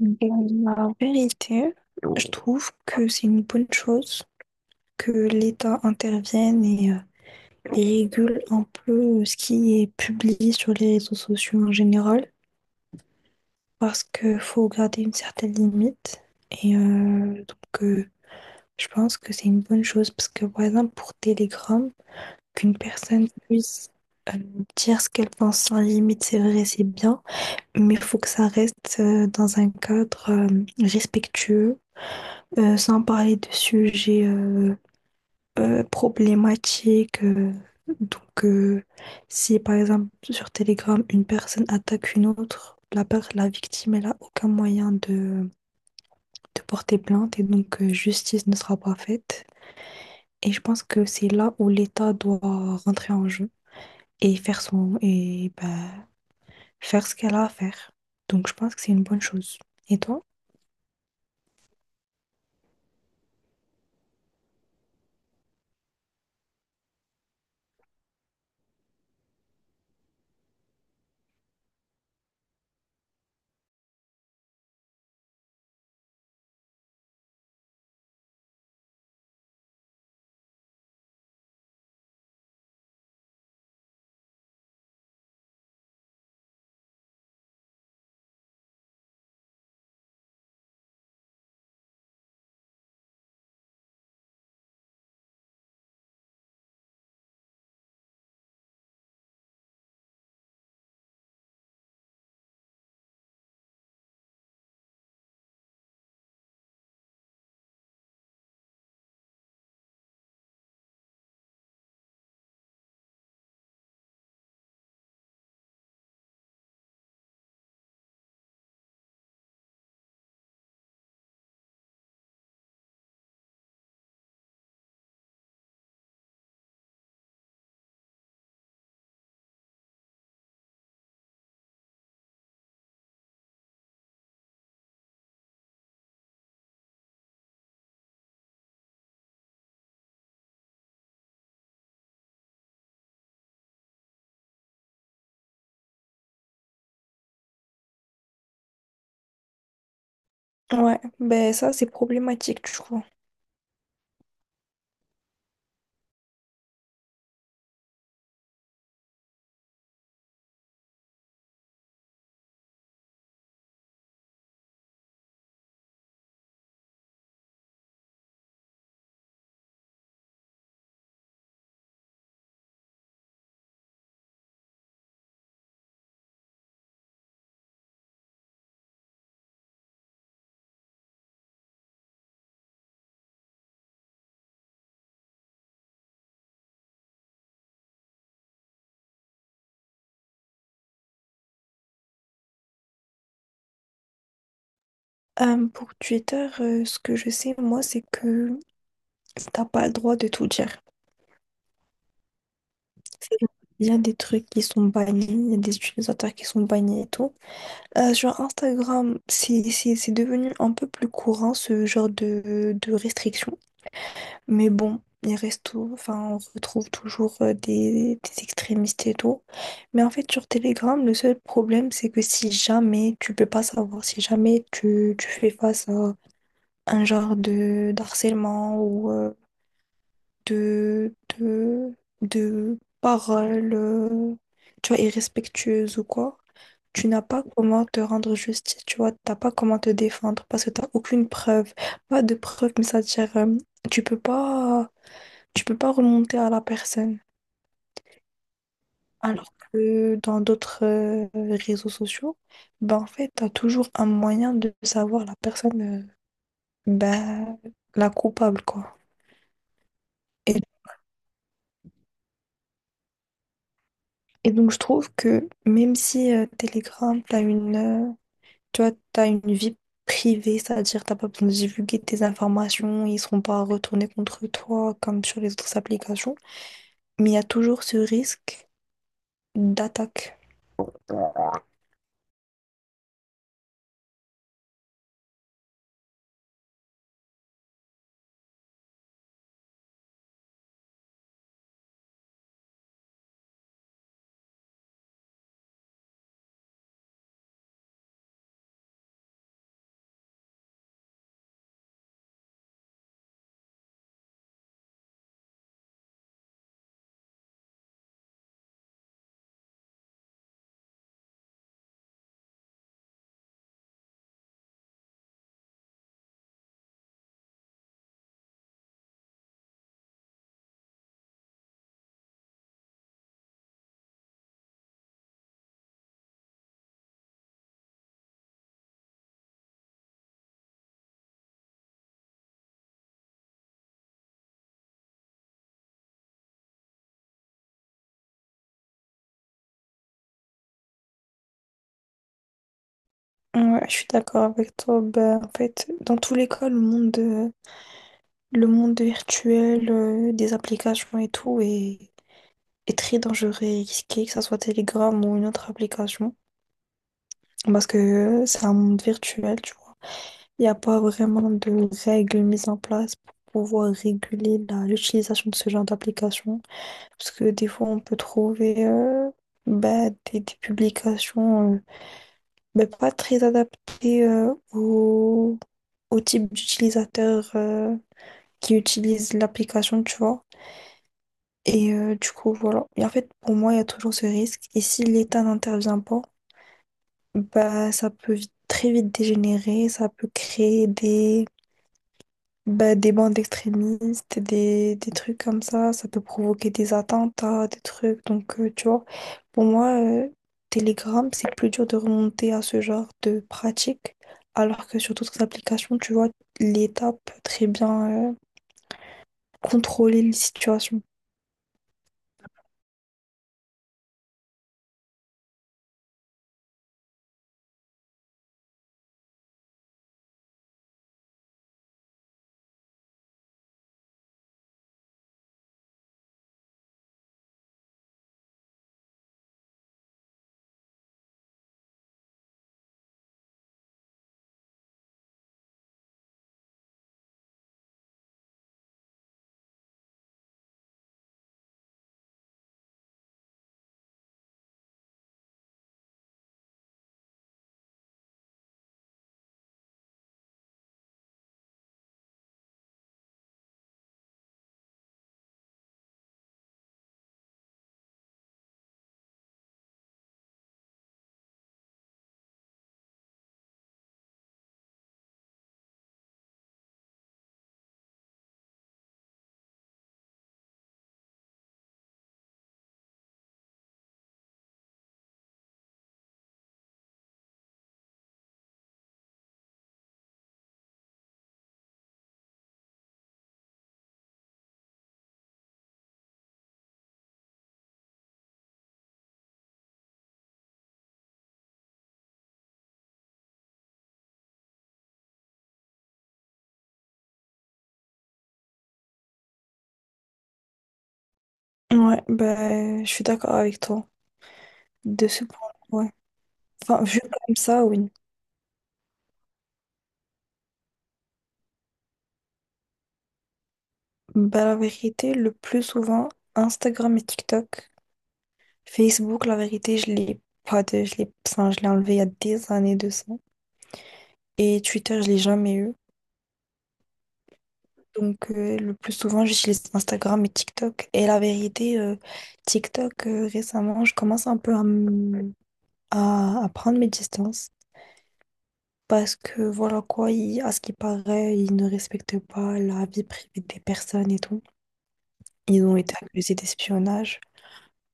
Ben, la vérité, je trouve que c'est une bonne chose que l'État intervienne et régule un peu ce qui est publié sur les réseaux sociaux en général, parce qu'il faut garder une certaine limite. Et euh, donc, euh, je pense que c'est une bonne chose, parce que par exemple, pour Telegram, qu'une personne puisse euh, dire ce qu'elle pense sans limite, c'est vrai, c'est bien. Mais il faut que ça reste dans un cadre respectueux, sans parler de sujets problématiques. Donc, si par exemple sur Telegram, une personne attaque une autre, la victime, elle n'a aucun moyen de porter plainte et donc justice ne sera pas faite. Et je pense que c'est là où l'État doit rentrer en jeu et faire son, et, bah, faire ce qu'elle a à faire. Donc, je pense que c'est une bonne chose. Et toi? Ouais, ben ça c'est problématique, je trouve. Pour Twitter, ce que je sais, moi, c'est que t'as pas le droit de tout dire. C'est- Il y a des trucs qui sont bannis, il y a des utilisateurs qui sont bannis et tout. Sur Instagram, c'est devenu un peu plus courant ce genre de restrictions. Mais bon, il reste tout. Enfin, on retrouve toujours des extrémistes et tout. Mais en fait, sur Telegram, le seul problème, c'est que si jamais tu peux pas savoir, si jamais tu fais face à un genre de d'harcèlement ou de, de, de paroles, tu vois, irrespectueuses ou quoi, tu n'as pas comment te rendre justice, tu vois, t'as pas comment te défendre parce que t'as aucune preuve, pas de preuve, mais c'est-à-dire, tu peux pas, tu peux pas remonter à la personne. Alors que dans d'autres réseaux sociaux, ben en fait, t'as toujours un moyen de savoir la personne, ben, la coupable, quoi. Et Et donc, je trouve que même si Telegram, tu vois, t'as une vie privée, c'est-à-dire t'as pas besoin de divulguer tes informations, ils seront pas retournés contre toi comme sur les autres applications, mais il y a toujours ce risque d'attaque. Ouais, je suis d'accord avec toi. Ben, en fait, dans tous les cas, le monde virtuel, des applications et est très dangereux et risqué, que ça soit Telegram ou une autre application, parce que c'est un monde virtuel, tu vois. Il n'y a pas vraiment de règles mises en place pour pouvoir réguler l'utilisation de ce genre d'application. Parce que des fois, on peut trouver des publications pas très adaptées au type d'utilisateur qui utilise l'application, tu vois. Et du coup, voilà. Et en fait, pour moi, il y a toujours ce risque. Et si l'État n'intervient pas, bah, ça peut très vite dégénérer, ça peut créer des bandes extrémistes, des trucs comme ça peut provoquer des attentats, des trucs. Donc, tu vois, pour moi, Telegram, c'est plus dur de remonter à ce genre de pratique, alors que sur d'autres applications, tu vois, l'État peut très bien contrôler les situations. Ouais, bah, je suis d'accord avec toi. De ce point, ouais. Enfin, vu comme ça, oui. Bah, la vérité, le plus souvent, Instagram et TikTok. Facebook, la vérité, je l'ai pas de, je l'ai, enfin, je l'ai enlevé il y a des années de ça. Et Twitter, je l'ai jamais eu. Donc, le plus souvent, j'utilise Instagram et TikTok. Et la vérité, TikTok, récemment, je commence un peu à prendre mes distances. Parce que, voilà quoi, à ce qui paraît, ils ne respectent pas la vie privée des personnes et tout. Ils ont été accusés d'espionnage.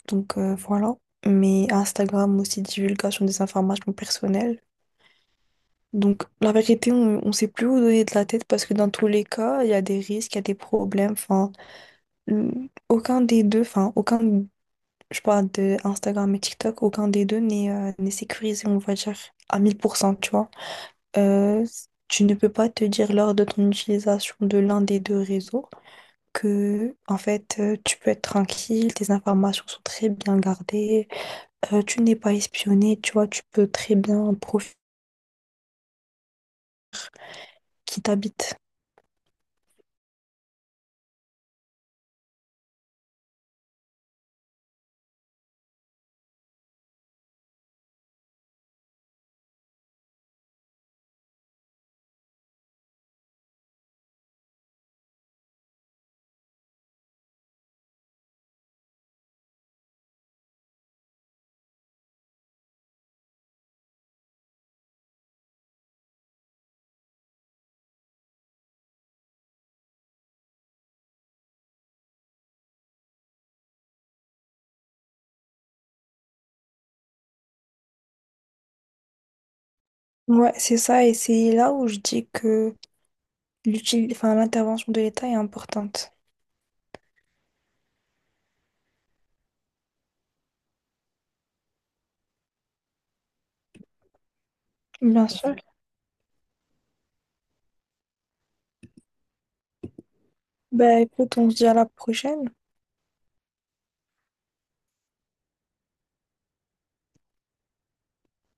Donc, voilà. Mais Instagram aussi, divulgation des informations personnelles. Donc, la vérité, on ne sait plus où donner de la tête parce que dans tous les cas, il y a des risques, il y a des problèmes. Enfin, aucun des deux, enfin, aucun, je parle de Instagram et TikTok, aucun des deux n'est sécurisé, on va dire, à 1000%, tu vois. Euh, Tu ne peux pas te dire lors de ton utilisation de l'un des deux réseaux que, en fait, tu peux être tranquille, tes informations sont très bien gardées, tu n'es pas espionné, tu vois, tu peux très bien profiter qui t'habite. Ouais, c'est ça, et c'est là où je dis que l'util... enfin, l'intervention de l'État est importante. Bien sûr. Fait. Ben écoute, on se dit à la prochaine.